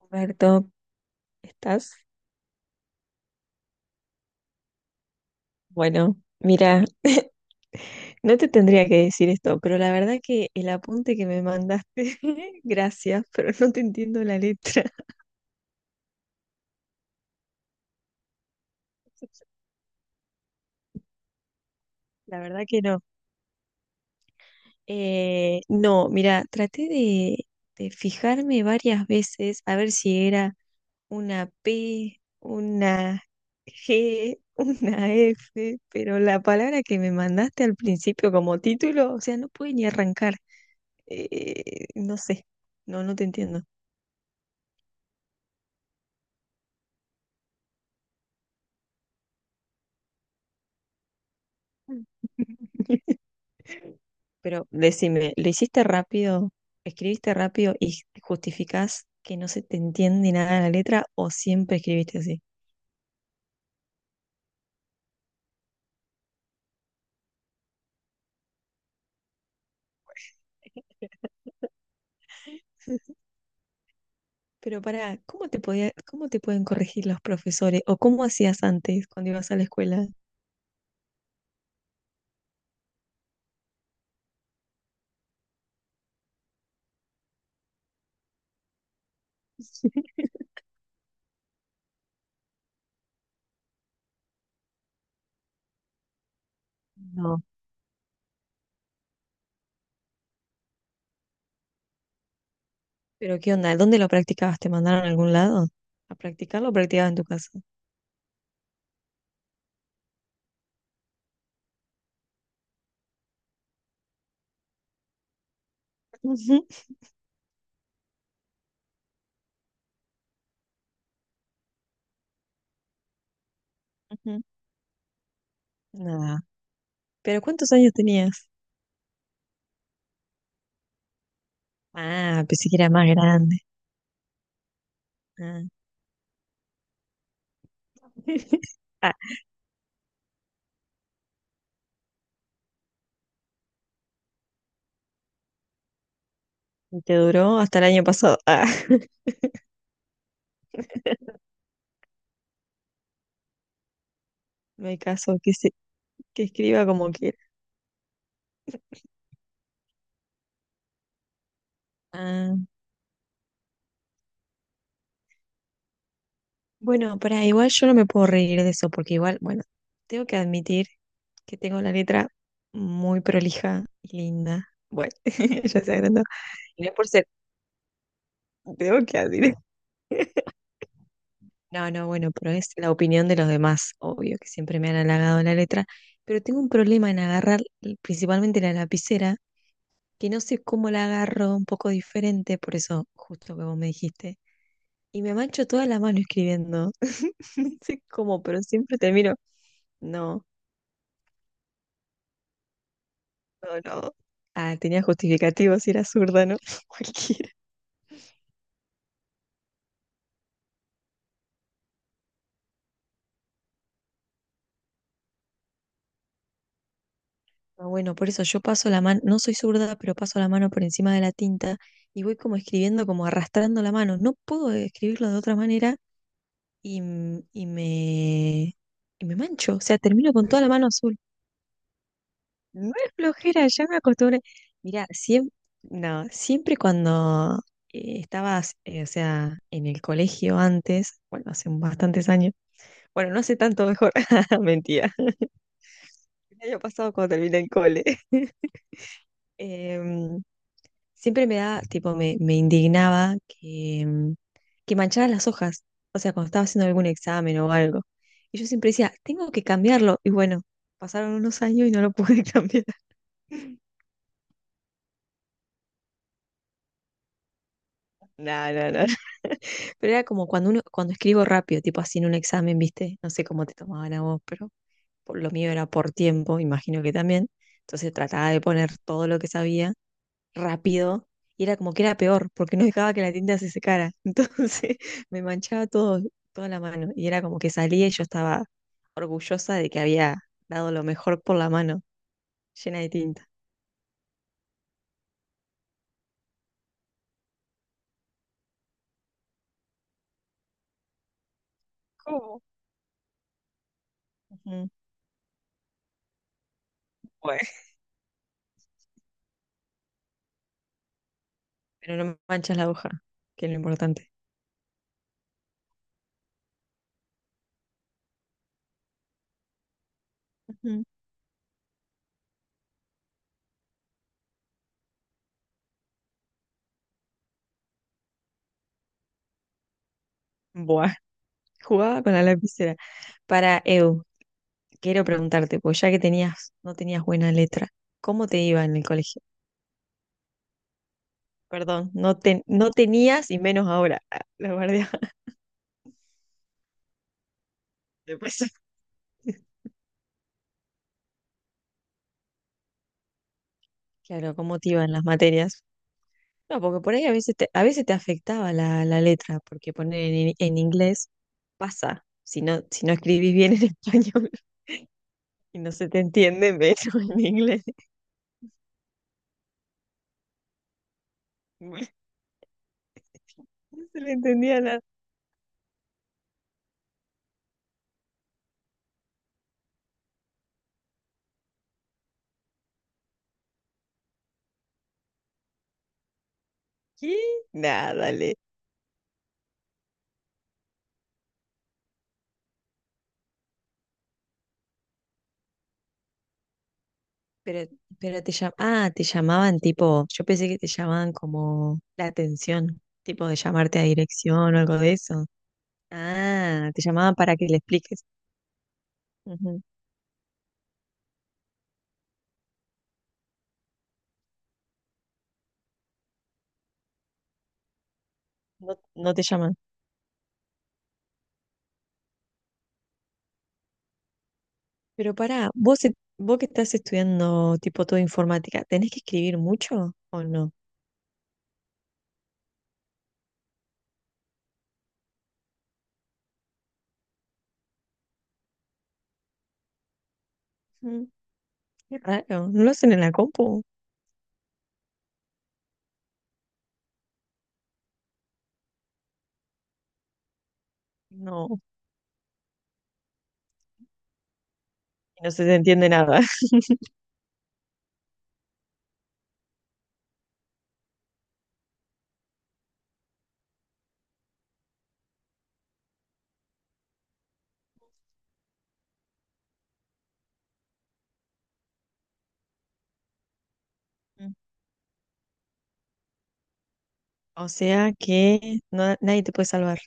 Roberto, ¿estás? Bueno, mira, no te tendría que decir esto, pero la verdad que el apunte que me mandaste, gracias, pero no te entiendo la letra. La verdad que no. No, mira, de fijarme varias veces a ver si era una P, una G, una F, pero la palabra que me mandaste al principio como título, o sea, no pude ni arrancar. No sé, no te entiendo. Mm. Pero decime, ¿lo hiciste rápido? ¿Escribiste rápido y justificás que no se te entiende nada de la letra o siempre escribiste así? Pero pará, ¿cómo te pueden corregir los profesores? ¿O cómo hacías antes cuando ibas a la escuela? No. ¿Pero qué onda? ¿Dónde lo practicabas? ¿Te mandaron a algún lado? ¿A practicarlo o practicabas en tu casa? Ujú, ujú. Nada. ¿Pero cuántos años tenías? Ah, pensé que era más grande. Ah. Ah, y que duró hasta el año pasado. Ah, no hay que escriba como quiera. Ah, bueno, para igual yo no me puedo reír de eso, porque igual, bueno, tengo que admitir que tengo la letra muy prolija y linda. Bueno, ya se agrandó. Y no es por ser, Tengo que admitir. No, no, bueno, pero es la opinión de los demás, obvio que siempre me han halagado la letra, pero tengo un problema en agarrar principalmente la lapicera que no sé cómo la agarro un poco diferente, por eso justo que vos me dijiste. Y me mancho toda la mano escribiendo. No sé cómo, pero siempre te miro. No, no, no. Ah, tenía justificativo si era zurda, ¿no? Cualquiera. Ah, bueno, por eso yo paso la mano, no soy zurda, pero paso la mano por encima de la tinta y voy como escribiendo, como arrastrando la mano. No puedo escribirlo de otra manera y, m- y me, y me mancho. O sea, termino con toda la mano azul. No es flojera, ya me acostumbré. Mira, no, siempre cuando o sea, en el colegio antes, bueno, hace bastantes años, bueno, no hace tanto mejor, mentira, el año pasado cuando terminé el cole, em, siempre me da, tipo, me indignaba que que mancharan las hojas, o sea, cuando estaba haciendo algún examen o algo. Y yo siempre decía, tengo que cambiarlo, y bueno, pasaron unos años y no lo pude cambiar. No, no, no. Pero era como cuando uno, cuando escribo rápido, tipo así en un examen, ¿viste? No sé cómo te tomaban a vos, pero por lo mío era por tiempo, imagino que también. Entonces trataba de poner todo lo que sabía rápido y era como que era peor, porque no dejaba que la tinta se secara. Entonces me manchaba todo, toda la mano y era como que salía y yo estaba orgullosa de que había dado lo mejor por la mano, llena de tinta. ¿Cómo? Ujú. Bueno, pero no manchas la hoja, que es lo importante. Ujú. Buah, jugaba con la lapicera. Para Eu, quiero preguntarte, pues ya que tenías, no tenías buena letra, ¿cómo te iba en el colegio? Perdón, no tenías y menos ahora. Ah, la guardia después. Claro, ¿cómo te iban las materias? No, porque por ahí a veces te afectaba la letra, porque poner en inglés pasa. Si no, si no escribís bien en español y no se te entiende, menos en inglés. No se le entendía nada. ¿Qué? Nada. Pero, pero te llamaban, ah, te llamaban tipo, yo pensé que te llamaban como la atención, tipo de llamarte a dirección o algo de eso. Ah, te llamaban para que le expliques. Ujú. No, no te llaman. Pero pará, vos que estás estudiando tipo todo informática, ¿tenés que escribir mucho o no? Mm, qué raro, ¿no lo hacen en la compu? No, no se te entiende nada. Mm. O sea que nadie te puede salvar.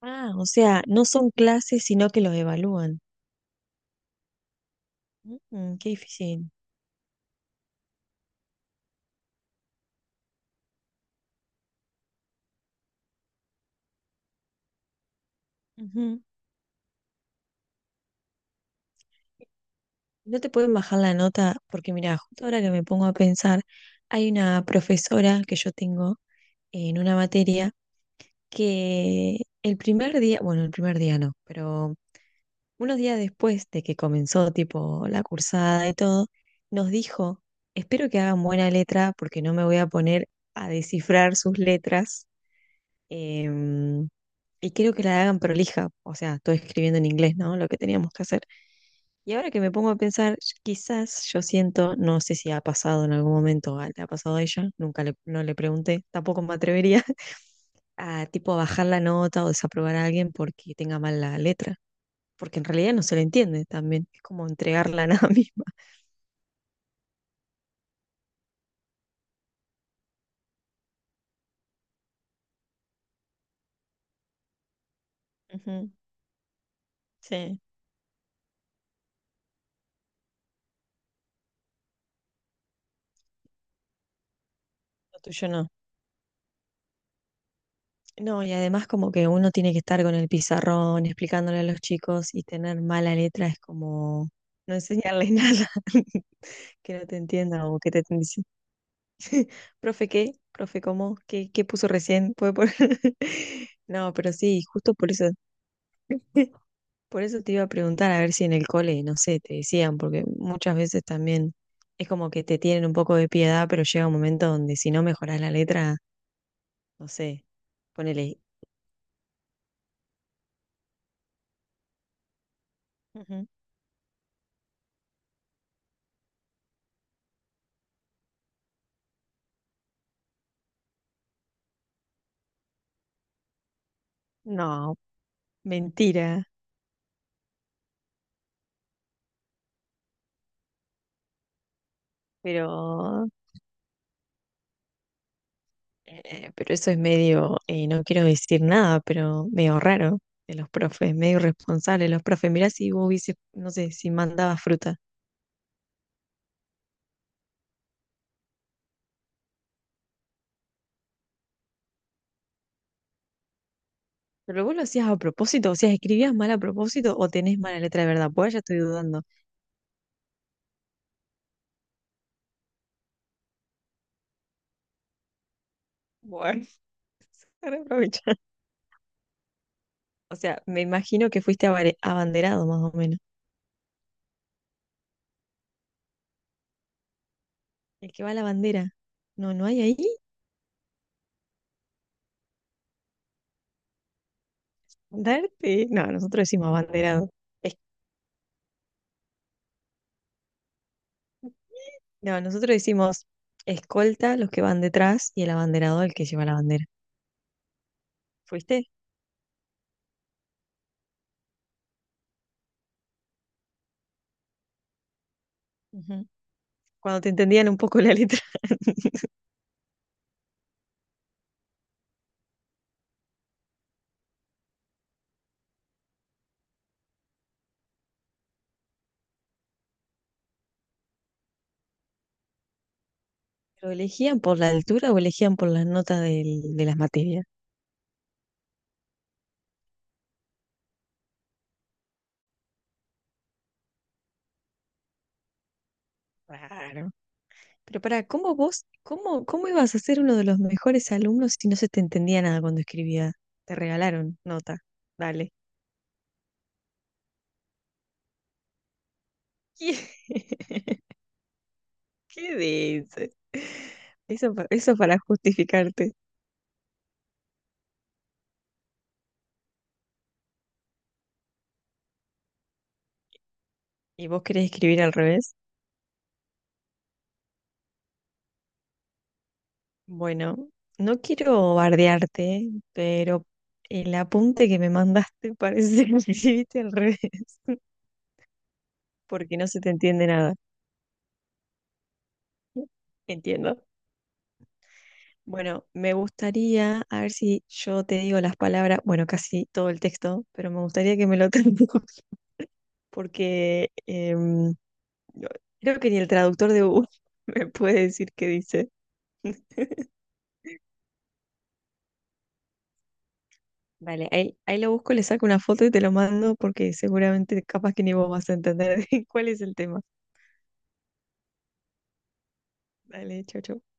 Ah, o sea, no son clases, sino que los evalúan. Mm, qué difícil. Ujú. No te pueden bajar la nota porque, mira, justo ahora que me pongo a pensar, hay una profesora que yo tengo en una materia que el primer día, bueno, el primer día no, pero unos días después de que comenzó tipo la cursada y todo, nos dijo, espero que hagan buena letra porque no me voy a poner a descifrar sus letras. Em, y quiero que la hagan prolija, o sea, estoy escribiendo en inglés, ¿no? Lo que teníamos que hacer. Y ahora que me pongo a pensar, quizás yo siento, no sé si ha pasado en algún momento, le ha pasado a ella, nunca le, no le pregunté, tampoco me atrevería a tipo bajar la nota o desaprobar a alguien porque tenga mal la letra, porque en realidad no se le entiende también, es como entregarla a nada misma. Ujú. Sí, lo tuyo no. No, y además como que uno tiene que estar con el pizarrón explicándole a los chicos y tener mala letra es como no enseñarles nada, que no te entiendan o que te estén diciendo, profe, ¿qué? ¿Profe, cómo? ¿Qué puso recién? ¿Puede poner? No, pero sí, justo por eso, por eso te iba a preguntar a ver si en el cole, no sé, te decían, porque muchas veces también es como que te tienen un poco de piedad, pero llega un momento donde si no mejoras la letra, no sé, ponele... Ujú. No, mentira, pero, pero eso es medio, no quiero decir nada, pero medio raro de los profes, medio irresponsable de los profes. Mirá si vos hubieses, no sé, si mandabas fruta. Pero vos lo hacías a propósito, o sea, escribías mal a propósito o tenés mala letra de verdad, pues ya estoy dudando. Bueno, para aprovechar. O sea, me imagino que fuiste abanderado más o menos. El que va a la bandera. No, no hay ahí. Darte. No, nosotros decimos abanderado. No, nosotros hicimos escolta, los que van detrás, y el abanderado, el que lleva la bandera. ¿Fuiste? Ujú. Cuando te entendían un poco la letra. ¿Lo elegían por la altura o elegían por las notas de las materias? Raro. Pero pará, ¿cómo ibas a ser uno de los mejores alumnos si no se te entendía nada cuando escribía? Te regalaron nota. Dale. ¿Qué, ¿qué dices? Eso para justificarte. ¿Y vos querés escribir al revés? Bueno, no quiero bardearte, pero el apunte que me mandaste parece que lo escribiste al revés, porque no se te entiende nada. Entiendo. Bueno, me gustaría, a ver si yo te digo las palabras, bueno, casi todo el texto, pero me gustaría que me lo traduzcas, porque no- creo que ni el traductor de Google me puede decir qué dice. Vale, ahí lo busco, le saco una foto y te lo mando, porque seguramente capaz que ni vos vas a entender cuál es el tema. Vale, chao, chao.